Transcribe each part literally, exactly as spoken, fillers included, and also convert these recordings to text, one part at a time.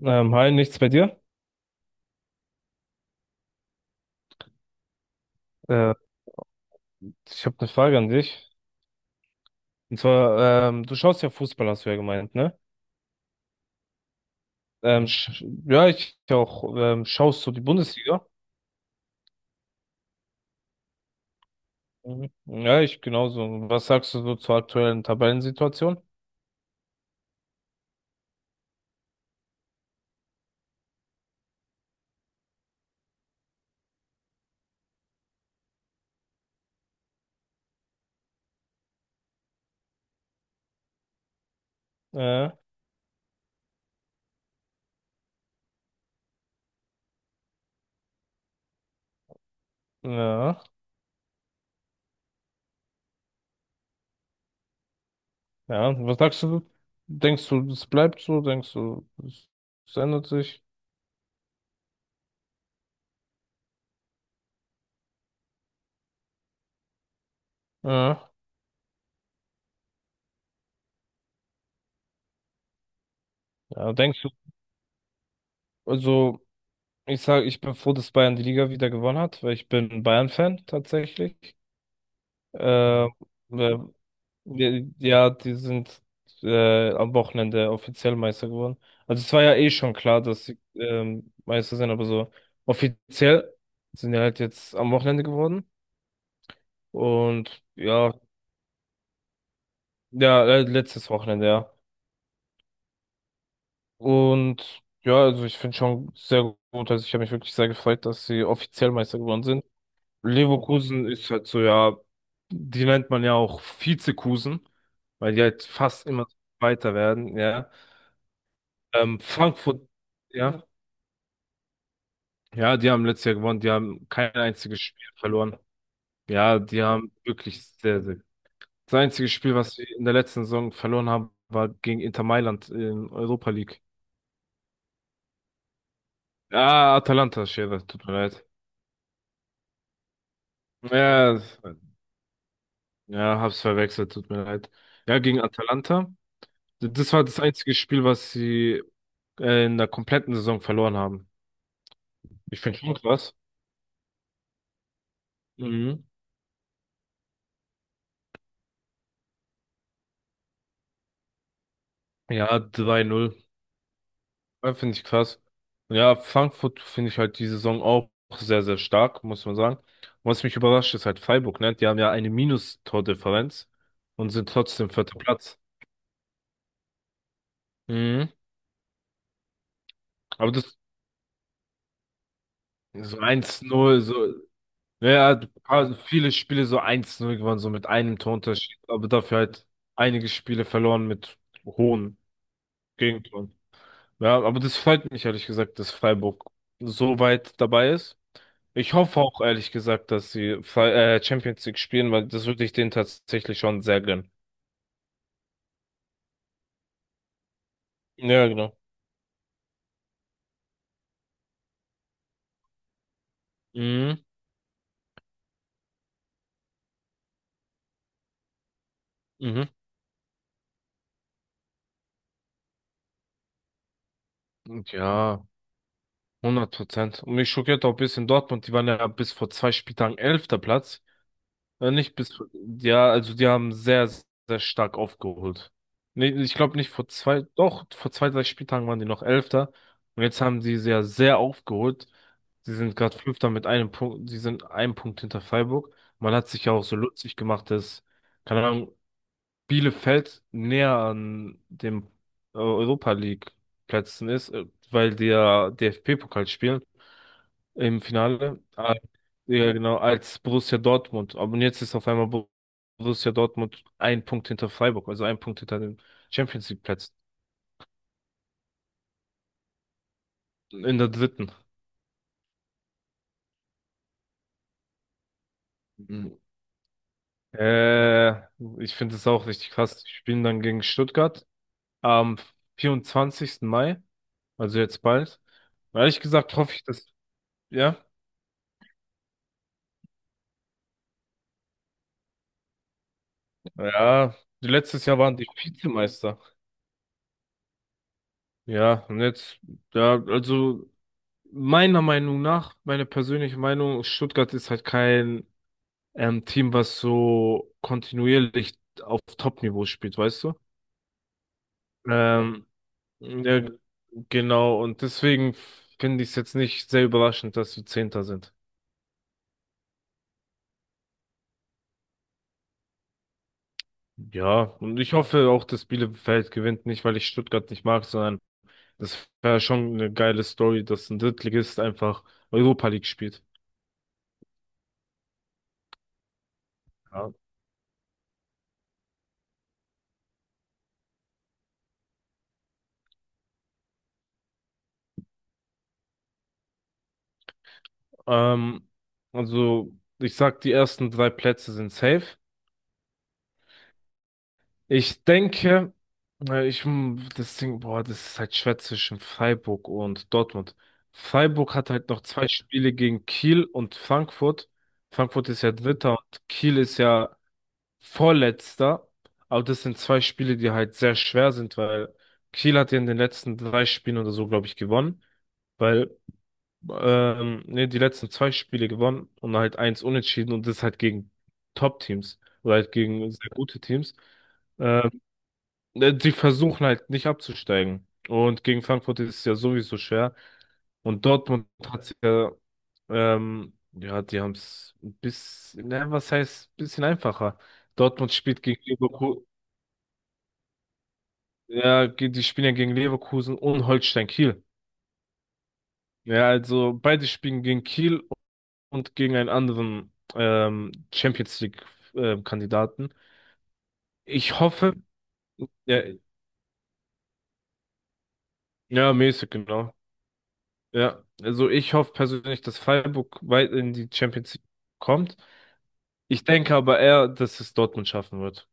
Ähm, hi, nichts bei dir? Äh, Ich habe eine Frage an dich. Und zwar, ähm, du schaust ja Fußball, hast du ja gemeint, ne? Ähm, sch Ja, ich ja auch. Ähm, schaust du die Bundesliga? Mhm. Ja, ich genauso. Was sagst du so zur aktuellen Tabellensituation? Äh, ja, ja. Was sagst du? Denkst du, es bleibt so? Denkst du, es es ändert sich? Ja, ja, denkst du, also ich sage, ich bin froh, dass Bayern die Liga wieder gewonnen hat, weil ich bin Bayern-Fan tatsächlich. Äh, äh, Ja, ja, die sind äh, am Wochenende offiziell Meister geworden. Also es war ja eh schon klar, dass sie ähm, Meister sind, aber so offiziell sind die halt jetzt am Wochenende geworden. Und ja, ja, äh, letztes Wochenende, ja. Und ja, also ich finde schon sehr gut. Also ich habe mich wirklich sehr gefreut, dass sie offiziell Meister geworden sind. Leverkusen ist halt so, ja, die nennt man ja auch Vizekusen, weil die halt fast immer weiter werden, ja. Ähm, Frankfurt, ja. Ja, die haben letztes Jahr gewonnen. Die haben kein einziges Spiel verloren. Ja, die haben wirklich sehr, sehr. Das einzige Spiel, was sie in der letzten Saison verloren haben, war gegen Inter Mailand in Europa League. Ah, Atalanta, Schere, tut mir leid. Ja, das- ja, hab's verwechselt, tut mir leid. Ja, gegen Atalanta. Das war das einzige Spiel, was sie äh, in der kompletten Saison verloren haben. Ich finde schon krass. Mhm. Ja, drei null. Ja, finde ich krass. Ja, Frankfurt finde ich halt die Saison auch sehr, sehr stark, muss man sagen. Was mich überrascht, ist halt Freiburg, ne? Die haben ja eine Minus-Tordifferenz und sind trotzdem vierter Platz. Mhm. Aber das so eins null so, ja, also viele Spiele so eins null gewonnen, so mit einem Torunterschied, aber dafür halt einige Spiele verloren mit hohen Gegentoren. Ja, aber das freut mich ehrlich gesagt, dass Freiburg so weit dabei ist. Ich hoffe auch ehrlich gesagt, dass sie Fi- äh, Champions League spielen, weil das würde ich denen tatsächlich schon sehr gönnen. Ja, genau. Mhm. Mhm. Und ja, hundert Prozent. Und mich schockiert auch ein bisschen Dortmund, die waren ja bis vor zwei Spieltagen elfter Platz. Äh, Nicht bis, ja, also die haben sehr, sehr stark aufgeholt. Nee, ich glaube nicht vor zwei, doch, vor zwei, drei Spieltagen waren die noch Elfter. Und jetzt haben die sehr, sehr aufgeholt. Sie sind gerade Fünfter mit einem Punkt, sie sind einen Punkt hinter Freiburg. Man hat sich ja auch so lustig gemacht, dass, keine Ahnung, Bielefeld näher an dem äh, Europa League Plätzen ist, äh, weil die ja D F B-Pokal spielen im Finale. Ah, ja, genau, als Borussia Dortmund. Aber jetzt ist auf einmal Bo- Borussia Dortmund ein Punkt hinter Freiburg, also ein Punkt hinter den Champions League Plätzen in der dritten. Mhm. Äh, Ich finde es auch richtig krass. Die spielen dann gegen Stuttgart am vierundzwanzigsten Mai, also jetzt bald. Und ehrlich gesagt hoffe ich, dass, ja. Ja, letztes Jahr waren die Vizemeister. Ja, und jetzt, ja, also meiner Meinung nach, meine persönliche Meinung, Stuttgart ist halt kein ähm, Team, was so kontinuierlich auf Top-Niveau spielt, weißt du? Ähm, ja, genau, und deswegen finde ich es jetzt nicht sehr überraschend, dass wir Zehnter sind. Ja, und ich hoffe auch, dass Bielefeld gewinnt, nicht weil ich Stuttgart nicht mag, sondern das wäre schon eine geile Story, dass ein Drittligist einfach Europa League spielt. Ja. Ähm, also, ich sag, die ersten drei Plätze sind safe. Ich denke, äh, ich, hm, das Ding, boah, das ist halt schwer zwischen Freiburg und Dortmund. Freiburg hat halt noch zwei Spiele gegen Kiel und Frankfurt. Frankfurt ist ja Dritter und Kiel ist ja Vorletzter, aber das sind zwei Spiele, die halt sehr schwer sind, weil Kiel hat ja in den letzten drei Spielen oder so, glaube ich, gewonnen, weil, ähm, ne, die letzten zwei Spiele gewonnen und halt eins unentschieden und das halt gegen Top-Teams oder halt gegen sehr gute Teams. Ähm, ne, die versuchen halt nicht abzusteigen. Und gegen Frankfurt ist es ja sowieso schwer. Und Dortmund hat sich ja, ähm, ja, die haben es ein bisschen, ne, was heißt, ein bisschen einfacher. Dortmund spielt gegen Leverkusen. Ja, ge- die spielen ja gegen Leverkusen und Holstein Kiel. Ja, also beide spielen gegen Kiel und gegen einen anderen ähm, Champions League äh, Kandidaten. Ich hoffe, ja, ja, mäßig, genau. Ja, also ich hoffe persönlich, dass Freiburg weit in die Champions League kommt. Ich denke aber eher, dass es Dortmund schaffen wird.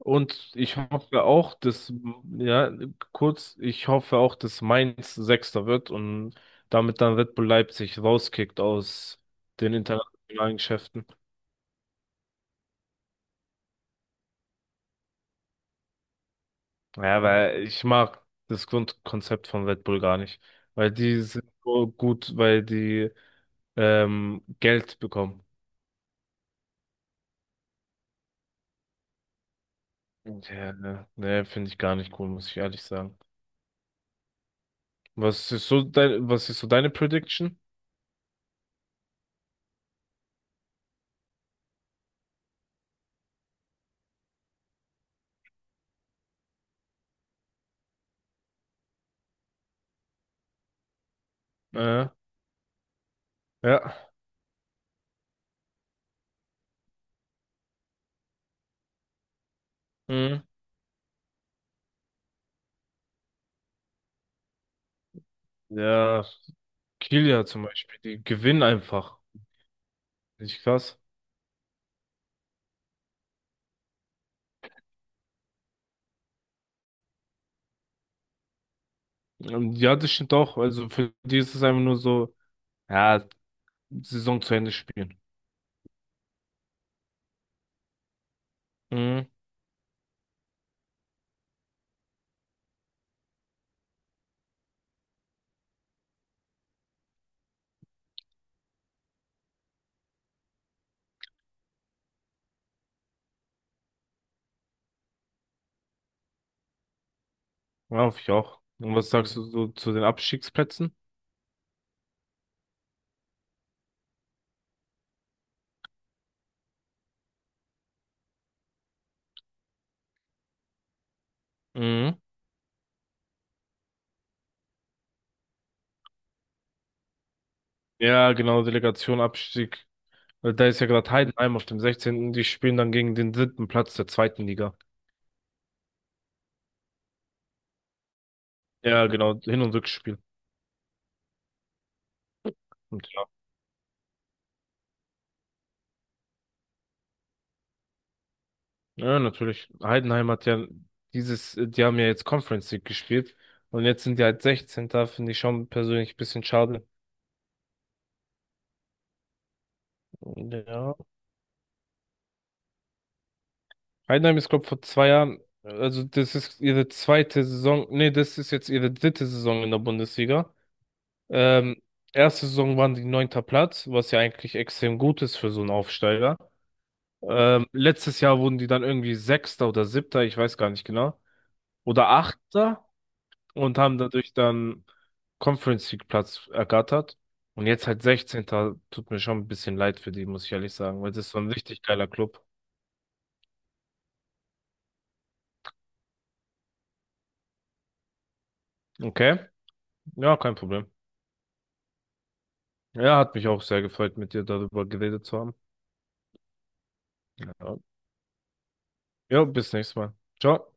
Und ich hoffe auch, dass, ja, kurz, ich hoffe auch, dass Mainz Sechster wird und damit dann Red Bull Leipzig rauskickt aus den internationalen Geschäften. Ja, weil ich mag das Grundkonzept von Red Bull gar nicht. Weil die sind so gut, weil die ähm, Geld bekommen. Ja, ne, ne, finde ich gar nicht cool, muss ich ehrlich sagen. Was ist so dein, was ist so deine Prediction? Äh, ja. Mhm. Ja. Kilia zum Beispiel, die gewinnen einfach. Nicht krass. Ähm, Ja, das stimmt auch. Also für die ist es einfach nur so, ja, Saison zu Ende spielen. Mhm. Ja, hoffe ich auch. Und was sagst du so zu den Abstiegsplätzen? Mhm. Ja, genau, Delegation, Abstieg. Weil da ist ja gerade Heidenheim auf dem sechzehnten. Die spielen dann gegen den dritten Platz der zweiten Liga. Ja, genau, Hin- und Rückspiel. Ja, natürlich. Heidenheim hat ja dieses, die haben ja jetzt Conference League gespielt und jetzt sind die halt sechzehnter. Finde ich schon persönlich ein bisschen schade. Ja. Heidenheim ist, glaube vor zwei Jahren, also das ist ihre zweite Saison, nee, das ist jetzt ihre dritte Saison in der Bundesliga. Ähm, Erste Saison waren die neunter Platz, was ja eigentlich extrem gut ist für so einen Aufsteiger. Ähm, letztes Jahr wurden die dann irgendwie Sechster oder Siebter, ich weiß gar nicht genau. Oder Achter. Und haben dadurch dann Conference League Platz ergattert. Und jetzt halt sechzehnter. Tut mir schon ein bisschen leid für die, muss ich ehrlich sagen, weil das ist so ein richtig geiler Club. Okay, ja, kein Problem. Ja, hat mich auch sehr gefreut, mit dir darüber geredet zu haben. Ja, ja bis nächstes Mal. Ciao.